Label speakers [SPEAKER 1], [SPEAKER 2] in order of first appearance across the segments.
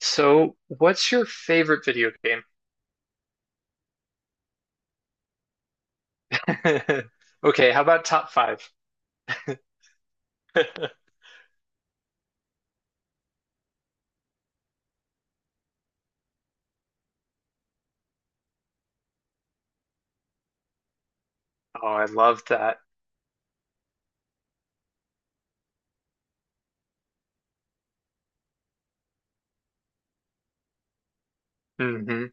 [SPEAKER 1] So, what's your favorite video game? Okay, how about top five? Oh, I love that. Hmm.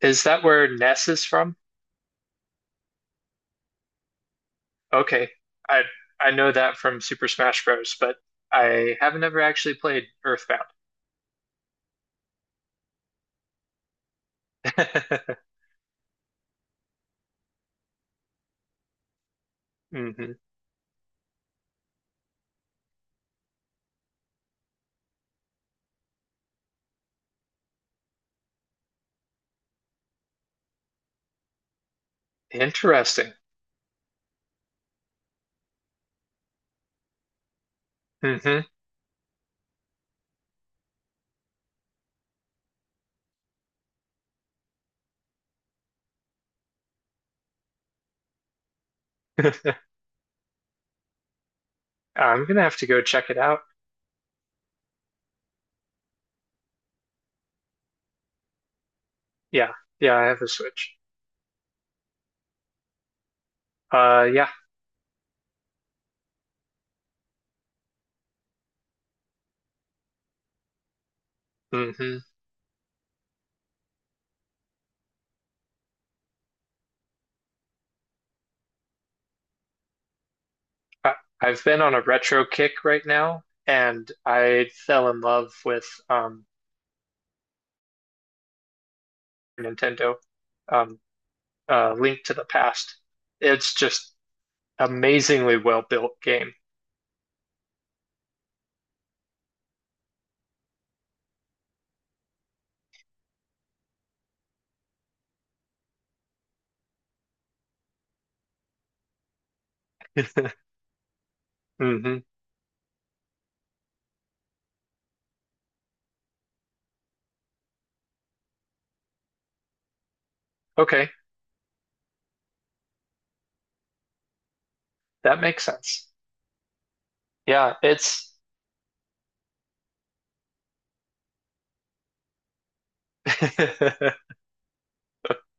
[SPEAKER 1] Is that where Ness is from? Okay, I I know that from Super Smash Bros., but I haven't ever actually played Earthbound. Hmm. Interesting. Hmm. I'm gonna have to go check it out. Yeah, yeah, I have a Switch. Yeah. Hmm. I, I've been on a retro kick right now, and I fell in love with Nintendo, um, Link to the Past. It's just amazingly well built game. Hmm. Okay, that makes sense. Yeah, it's,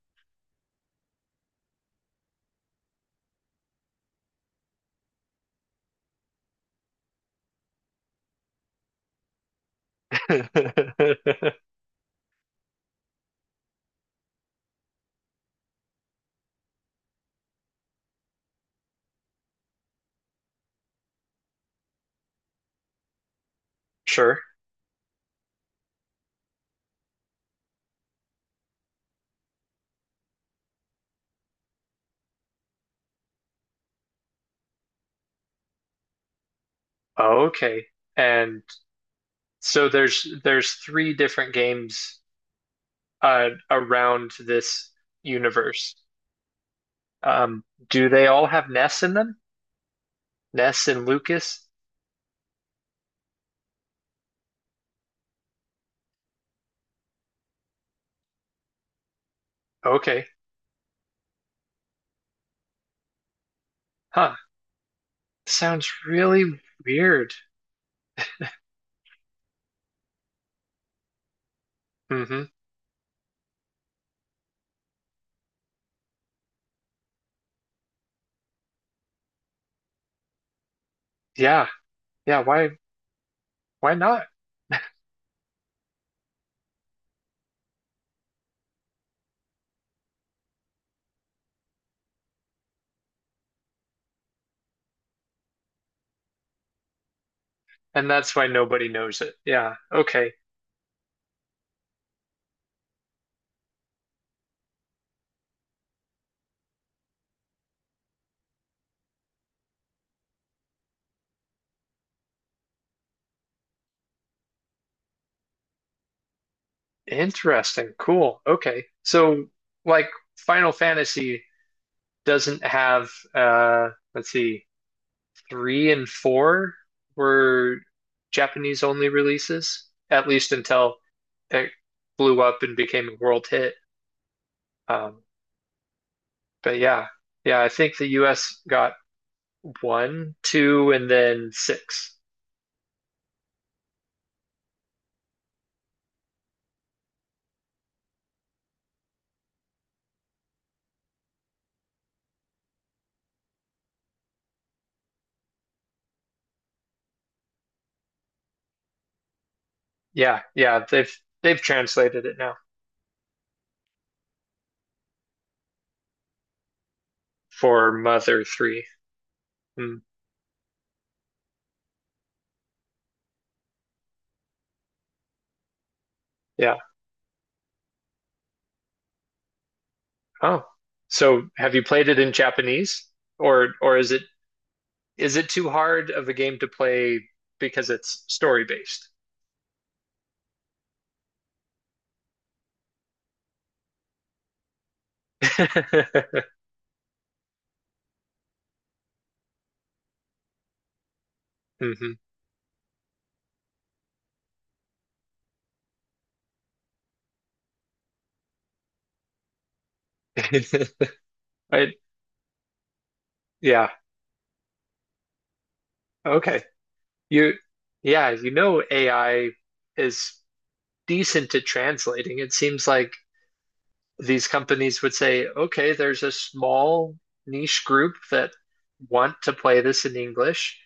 [SPEAKER 1] sure. Okay, and so there's three different games around this universe. Do they all have Ness in them? Ness and Lucas? Okay, huh. Sounds really weird. Hmm. Yeah. Yeah, why not? And that's why nobody knows it. Yeah. Okay. Interesting. Cool. Okay. So like Final Fantasy doesn't have let's see, three and four were Japanese only releases, at least until it blew up and became a world hit. Um, but yeah. Yeah, I think the US got one, two, and then six. Yeah, yeah, they've translated it now. For Mother 3. Hmm. Yeah. Oh. So have you played it in Japanese or is it too hard of a game to play because it's story based? Hmm. I, yeah. Okay. You yeah, you know AI is decent at translating. It seems like these companies would say, okay, there's a small niche group that want to play this in English.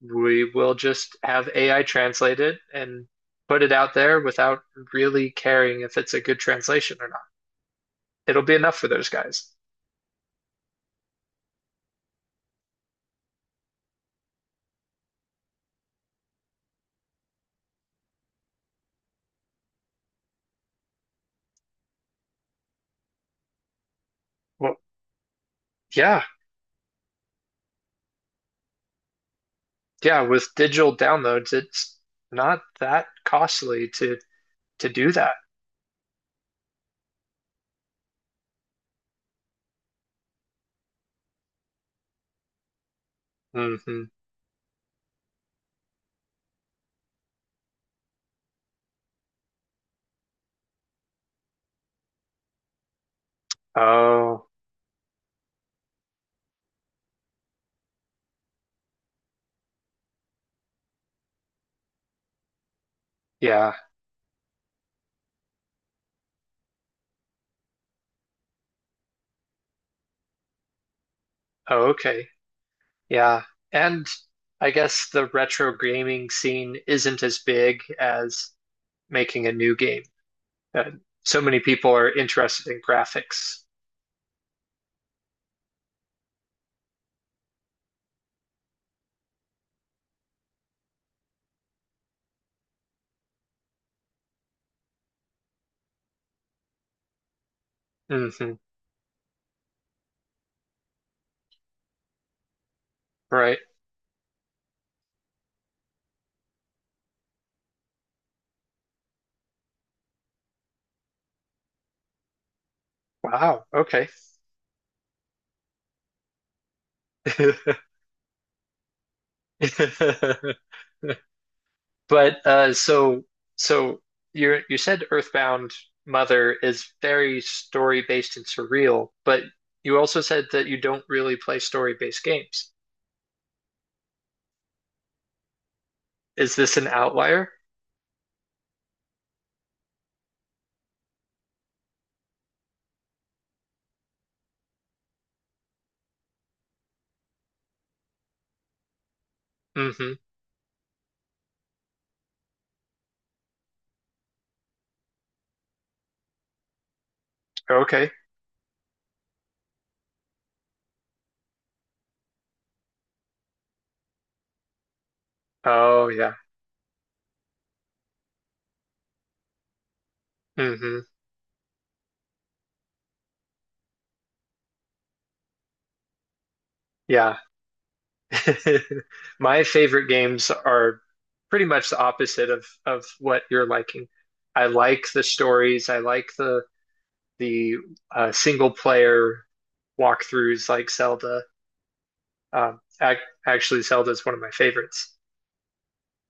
[SPEAKER 1] We will just have AI translate it and put it out there without really caring if it's a good translation or not. It'll be enough for those guys. Well, yeah, yeah, with digital downloads, it's not that costly to do that. Hmm. Oh, yeah. Oh, okay. Yeah. And I guess the retro gaming scene isn't as big as making a new game. Uh, so many people are interested in graphics. Hmm. Right. Wow. Okay. But so you said Earthbound Mother is very story based and surreal, but you also said that you don't really play story based games. Is this an outlier? Hmm. Okay. Oh yeah. Mm-hmm. Yeah. My favorite games are pretty much the opposite of what you're liking. I like the stories. I like the single player walkthroughs like Zelda. Ac actually, Zelda is one of my favorites.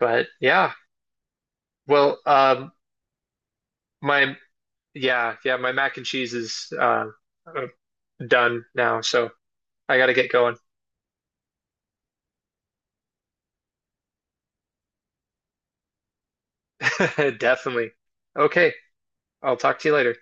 [SPEAKER 1] But yeah, well, my yeah yeah my mac and cheese is uh, done now, so I gotta get going. Definitely. Okay, I'll talk to you later.